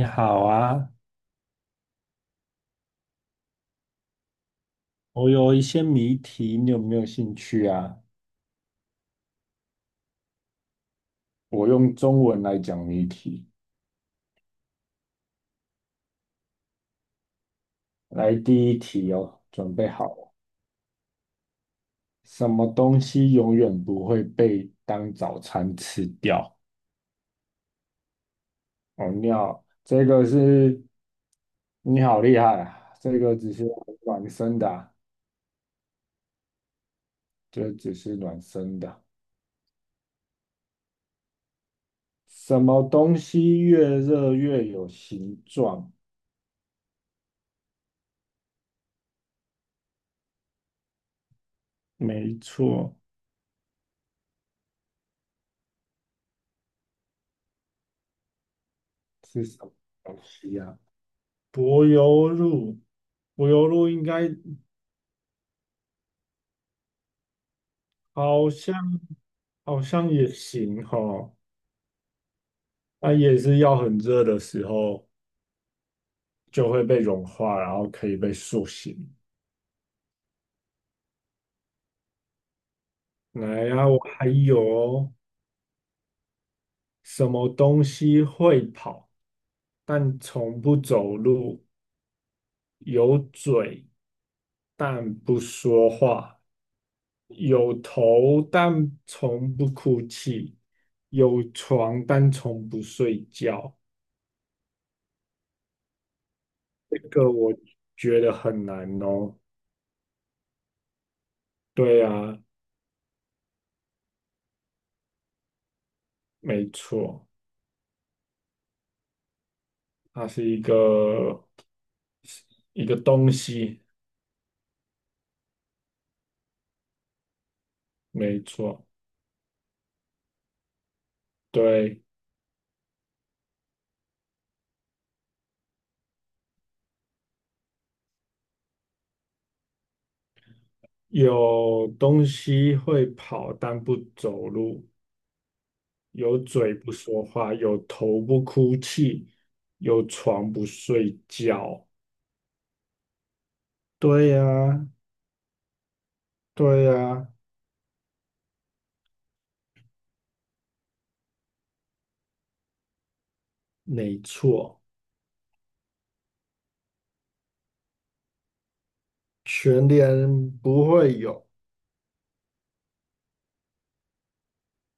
你好啊，我有一些谜题，你有没有兴趣啊？我用中文来讲谜题。来，第一题哦，准备好了。什么东西永远不会被当早餐吃掉？哦，你好厉害啊！这个只是暖身的啊这只是暖身的啊。什么东西越热越有形状？没错，是什么东西啊？柏油路，应该好像也行哈，它也是要很热的时候就会被融化，然后可以被塑形。来呀、我还有哦。什么东西会跑，但从不走路，有嘴但不说话，有头但从不哭泣，有床但从不睡觉。这个我觉得很难哦。对啊，没错，它是一个东西，没错。对，有东西会跑但不走路，有嘴不说话，有头不哭泣，有床不睡觉。对呀，对呀，没错，全年不会有，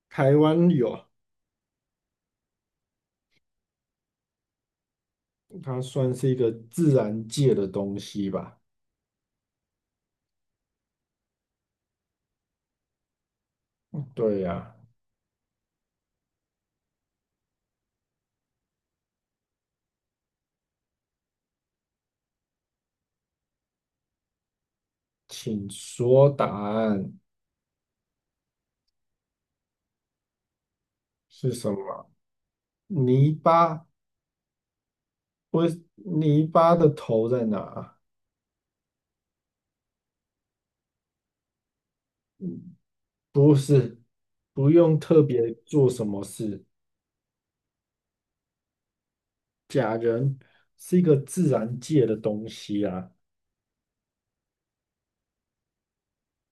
台湾有。它算是一个自然界的东西吧？对呀、请说答案是什么？泥巴不是泥巴的头在哪？不是，不用特别做什么事。假人是一个自然界的东西啊，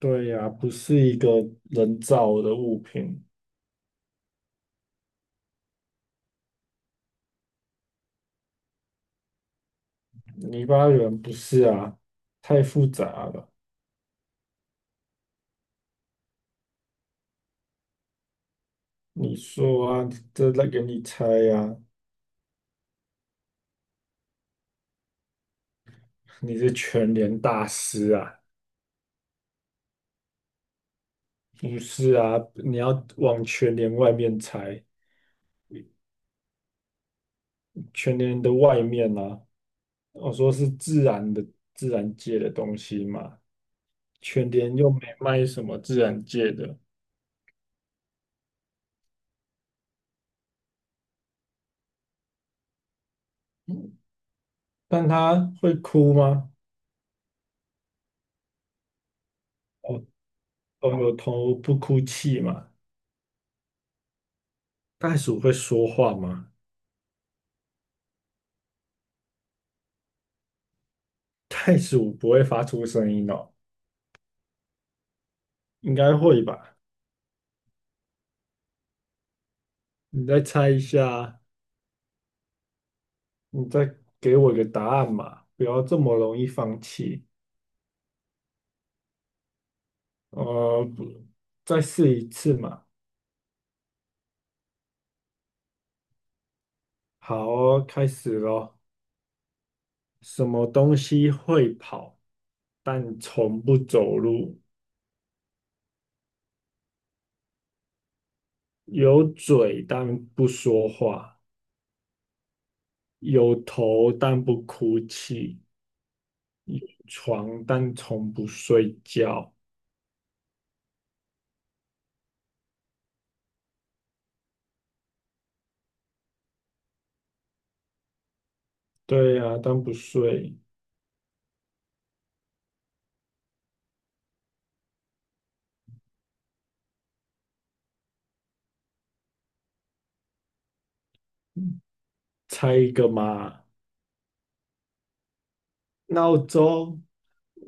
对呀、不是一个人造的物品。泥巴人不是啊，太复杂了。你说啊，这来给你猜呀、啊你是全联大师啊。不是啊，你要往全联外面猜，全联的外面啊，我说是自然界的东西嘛，全联又没卖什么自然界的，但它会哭吗？哦，哦，有头不哭泣嘛？袋鼠会说话吗？袋鼠不会发出声音哦，应该会吧？你再猜一下，你再给我一个答案嘛，不要这么容易放弃。不，再试一次嘛。好哦，开始咯。什么东西会跑，但从不走路？有嘴但不说话，有头但不哭泣，有床但从不睡觉。对呀、啊，但不睡。猜一个嘛，闹钟，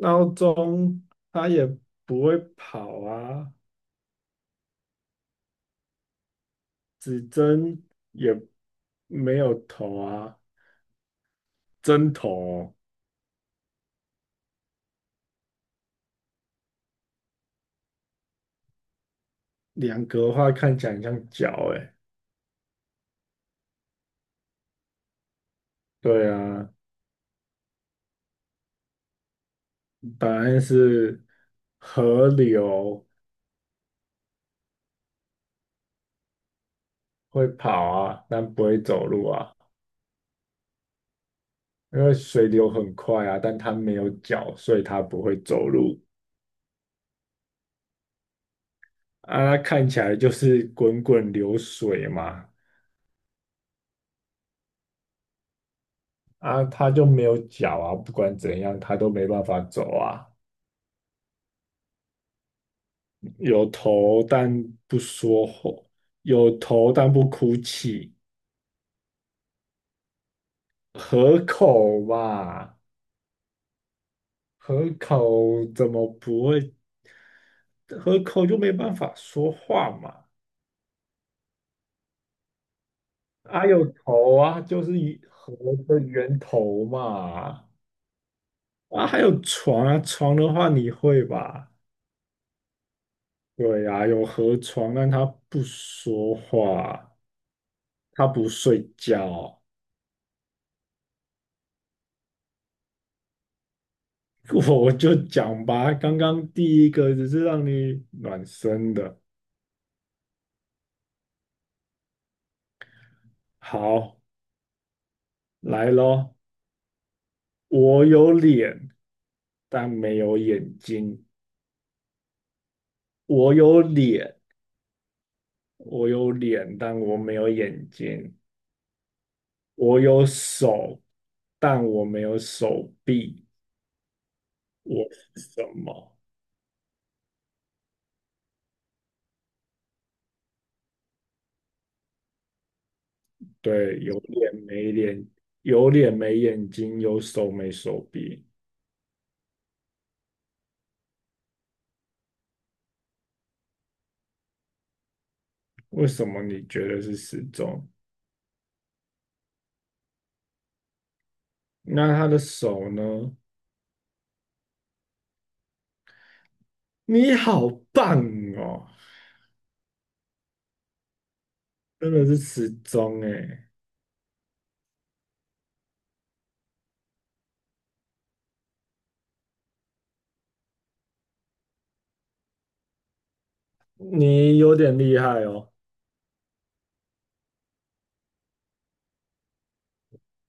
闹钟它也不会跑啊，指针也没有头啊，针头哦。两格的话看起来很像脚诶，对啊，答案是河流会跑啊，但不会走路啊，因为水流很快啊，但它没有脚，所以它不会走路啊，它看起来就是滚滚流水嘛，它就没有脚啊，不管怎样它都没办法走啊，有头但不说话，有头但不哭泣，河口嘛。河口怎么不会？河口就没办法说话嘛。啊，有头啊，就是一河的源头嘛。啊，还有床啊，床的话你会吧？对呀、啊有河床，但他不说话，他不睡觉。我就讲吧，刚刚第一个只是让你暖身的。好，来咯，我有脸，但没有眼睛。我有脸，我有脸，但我没有眼睛。我有手，但我没有手臂。我是什么？对，有脸没眼睛，有手没手臂。为什么你觉得是时钟？那他的手呢？你好棒哦，真的是时钟诶，你有点厉害哦。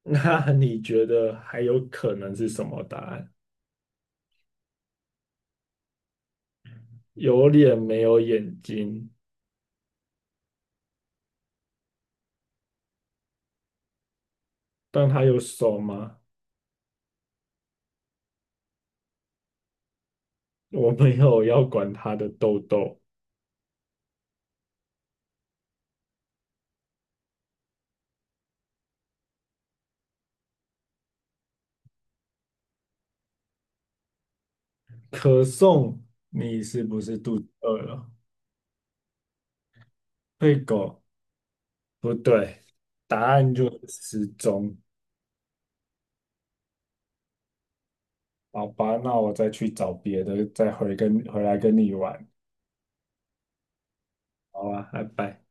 那你觉得还有可能是什么答案？有脸没有眼睛，但它有手吗？我没有要管它的痘痘。可颂，你是不是肚子饿了？对狗，不对，答案就是时钟。好吧，那我再去找别的，再回跟回来跟你玩。好吧，拜拜。